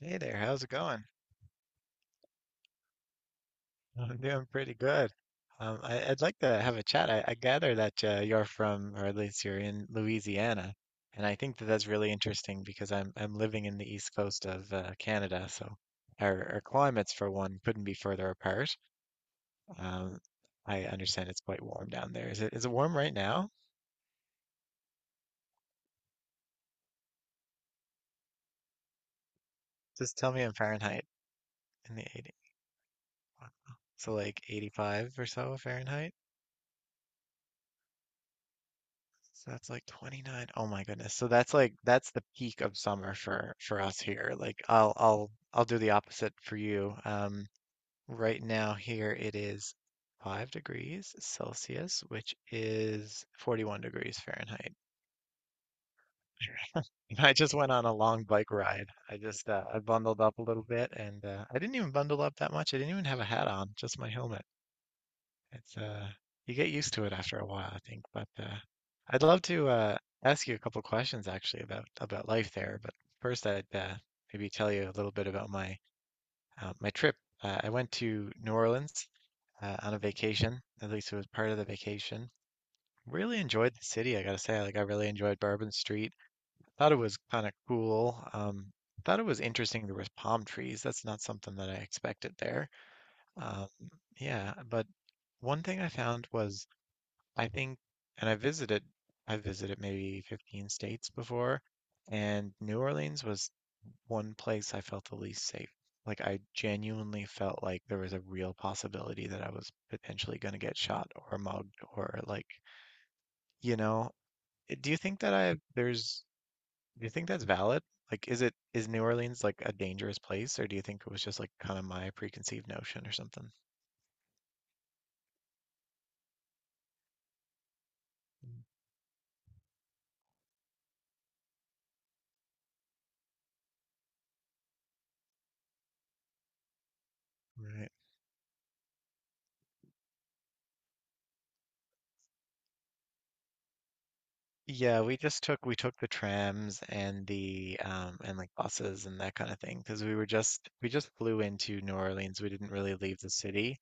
Hey there, how's it going? I'm doing pretty good. I'd like to have a chat. I gather that you're from, or at least you're in Louisiana, and I think that that's really interesting because I'm living in the east coast of Canada, so our climates for one couldn't be further apart. Um, I understand it's quite warm down there. Is it warm right now? Just tell me in Fahrenheit in the 80, so like 85 or so Fahrenheit. So that's like 29. Oh my goodness. So that's like that's the peak of summer for us here. Like I'll do the opposite for you. Right now here it is 5 degrees Celsius, which is 41 degrees Fahrenheit. And I just went on a long bike ride. I just I bundled up a little bit and I didn't even bundle up that much. I didn't even have a hat on, just my helmet. It's you get used to it after a while, I think. But I'd love to ask you a couple questions actually about life there. But first, I'd maybe tell you a little bit about my trip. I went to New Orleans on a vacation. At least it was part of the vacation. Really enjoyed the city, I gotta say. Like I really enjoyed Bourbon Street. Thought it was kind of cool. Thought it was interesting there was palm trees. That's not something that I expected there. Um, yeah, but one thing I found was I think, and I visited, I visited maybe 15 states before, and New Orleans was one place I felt the least safe. Like I genuinely felt like there was a real possibility that I was potentially going to get shot or mugged or like, you know, eh, do you think that's valid? Like, is New Orleans like a dangerous place, or do you think it was just like kind of my preconceived notion or something? Right. Yeah, we took the trams and the and like buses and that kind of thing because we just flew into New Orleans. We didn't really leave the city.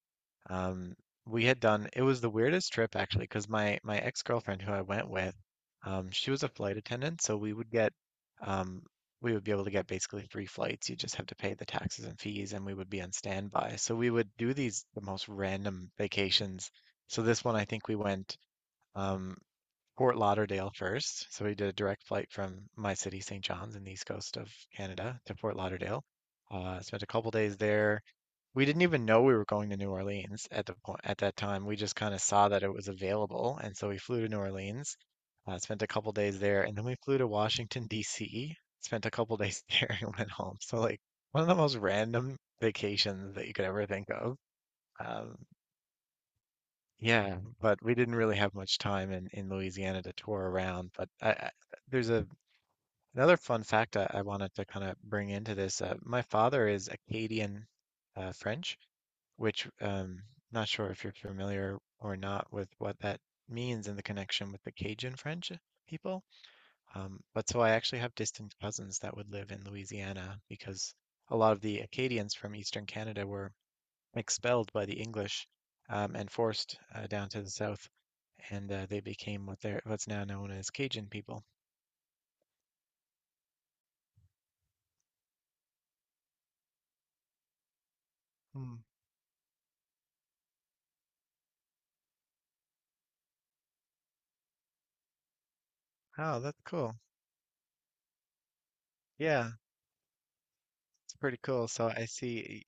Um, we had done it was the weirdest trip actually because my ex-girlfriend who I went with, she was a flight attendant, so um we would be able to get basically three flights. You just have to pay the taxes and fees, and we would be on standby. So we would do the most random vacations. So this one I think we went. Um, Fort Lauderdale first. So we did a direct flight from my city, St. John's, in the east coast of Canada to Fort Lauderdale. Spent a couple days there. We didn't even know we were going to New Orleans at the point at that time. We just kind of saw that it was available, and so we flew to New Orleans. Spent a couple days there, and then we flew to Washington, D.C. Spent a couple days there and went home. So like one of the most random vacations that you could ever think of. Um, yeah, but we didn't really have much time in Louisiana to tour around. But there's a another fun fact I wanted to kind of bring into this. My father is Acadian French, which not sure if you're familiar or not with what that means in the connection with the Cajun French people. But so I actually have distant cousins that would live in Louisiana because a lot of the Acadians from Eastern Canada were expelled by the English and forced down to the south, and they became what they're what's now known as Cajun people. Hmm. Oh, that's cool. Yeah, it's pretty cool. So I see.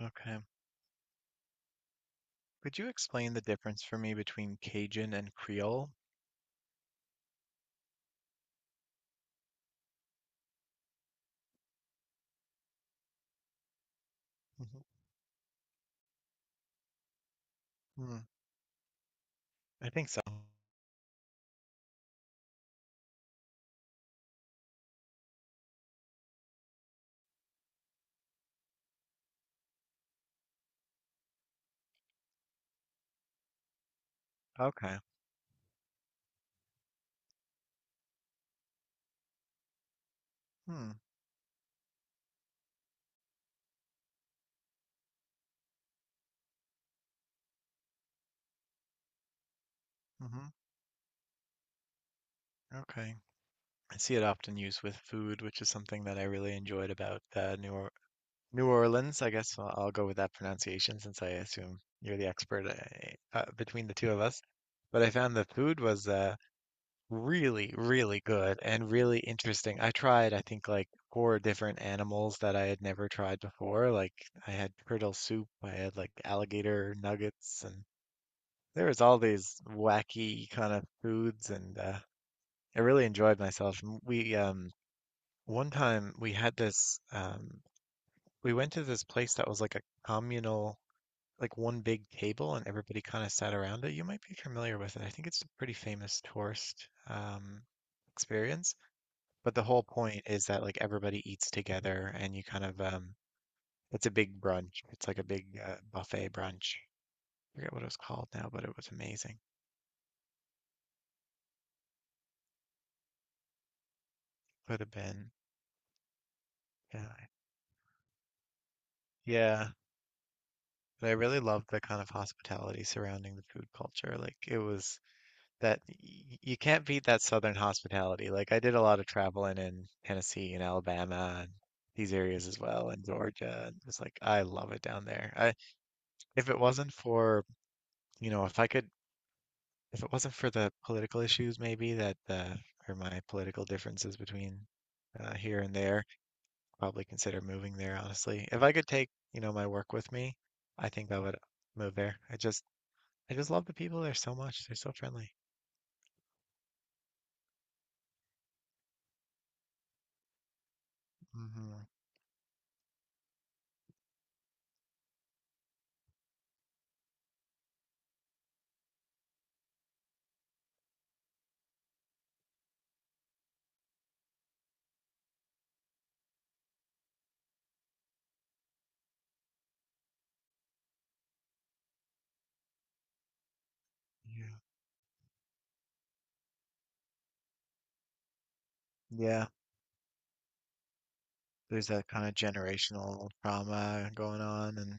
Okay. Could you explain the difference for me between Cajun and Creole? Mhm. Hmm. I think so. Okay. Hmm. Hmm. Okay. I see it often used with food, which is something that I really enjoyed about New Orleans, I guess I'll go with that pronunciation since I assume you're the expert between the two of us. But I found the food was really, really good and really interesting. I tried, I think, like four different animals that I had never tried before. Like I had turtle soup, I had like alligator nuggets, and there was all these wacky kind of foods, and I really enjoyed myself. M- We One time we had this we went to this place that was like a communal like one big table and everybody kind of sat around it. You might be familiar with it. I think it's a pretty famous tourist experience. But the whole point is that like everybody eats together and you kind of it's a big brunch. It's like a big buffet brunch. I forget what it was called now, but it was amazing. Could have been. Yeah. Yeah. But I really loved the kind of hospitality surrounding the food culture. Like it was that y- you can't beat that southern hospitality. Like I did a lot of traveling in Tennessee and Alabama and these areas as well, and Georgia. And it's like I love it down there. I if it wasn't for, you know, if I could, if it wasn't for the political issues maybe that or my political differences between here and there, probably consider moving there, honestly. If I could take, you know, my work with me, I think I would move there. I just love the people there so much. They're so friendly. Hmm. Yeah. Yeah. There's that kind of generational trauma going on, and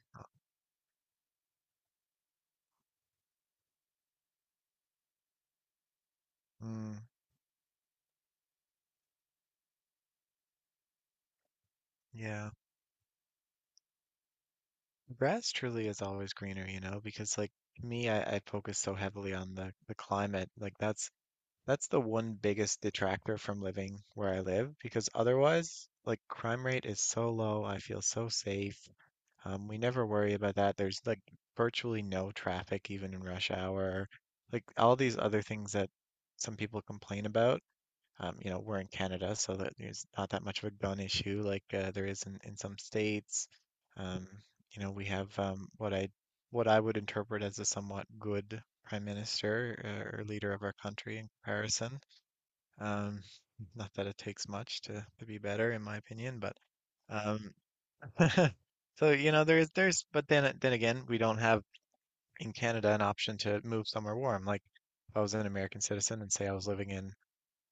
mm, yeah, grass truly is always greener, you know, because like me, I focus so heavily on the climate. Like that's the one biggest detractor from living where I live, because otherwise, like crime rate is so low. I feel so safe. We never worry about that. There's like virtually no traffic even in rush hour. Like all these other things that some people complain about. You know, we're in Canada, so that there's not that much of a gun issue like there is in some states. Um, you know, we have what I would interpret as a somewhat good prime minister or leader of our country in comparison. Um, Not that it takes much to be better, in my opinion, but um, so you know, but then again, we don't have in Canada an option to move somewhere warm. Like if I was an American citizen and say I was living in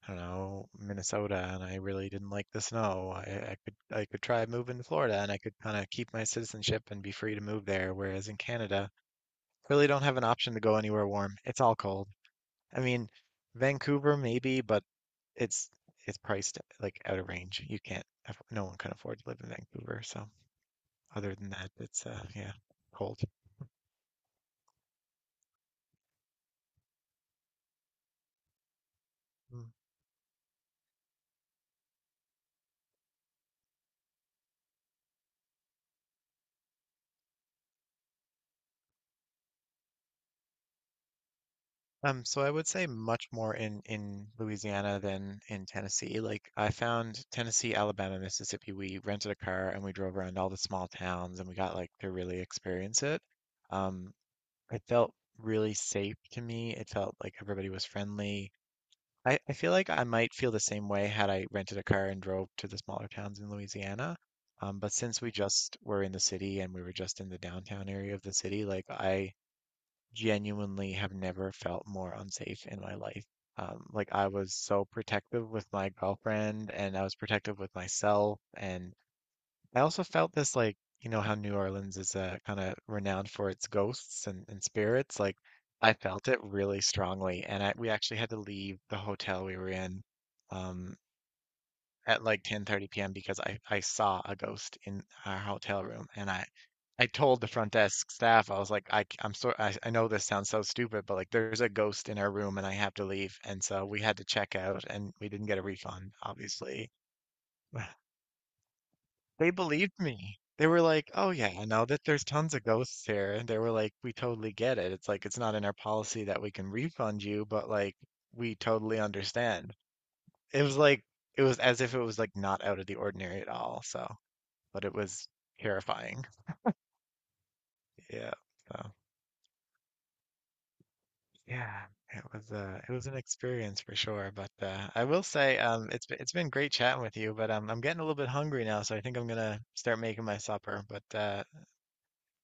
I don't know, Minnesota and I really didn't like the snow. I could try moving to Florida and I could kind of keep my citizenship and be free to move there, whereas in Canada, really don't have an option to go anywhere warm. It's all cold. I mean, Vancouver maybe, but it's it's priced like out of range. You can't aff- no one can afford to live in Vancouver, so other than that, it's yeah, cold. Hmm. So I would say much more in Louisiana than in Tennessee. Like I found Tennessee, Alabama, Mississippi, we rented a car and we drove around all the small towns and we got like to really experience it. Um, it felt really safe to me. It felt like everybody was friendly. I feel like I might feel the same way had I rented a car and drove to the smaller towns in Louisiana. But since we just were in the city and we were just in the downtown area of the city, like I genuinely have never felt more unsafe in my life. Like I was so protective with my girlfriend and I was protective with myself. And I also felt this like, you know, how New Orleans is kind of renowned for its ghosts and spirits. Like I felt it really strongly. And we actually had to leave the hotel we were in. Um, at like 10:30 p.m. because I saw a ghost in our hotel room and I told the front desk staff I was like I am so I know this sounds so stupid but like there's a ghost in our room and I have to leave and so we had to check out and we didn't get a refund obviously. They believed me. They were like, "Oh yeah, I know that there's tons of ghosts here." And they were like, "We totally get it. It's like it's not in our policy that we can refund you, but like we totally understand." It was like it was as if it was like not out of the ordinary at all. So but it was terrifying. Yeah. So yeah, it was an experience for sure. But I will say it's been great chatting with you, but I'm getting a little bit hungry now, so I think I'm gonna start making my supper. But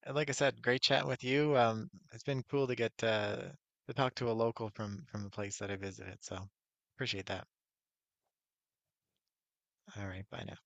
like I said, great chatting with you. It's been cool to get to talk to a local from the place that I visited. So appreciate that. All right, bye now.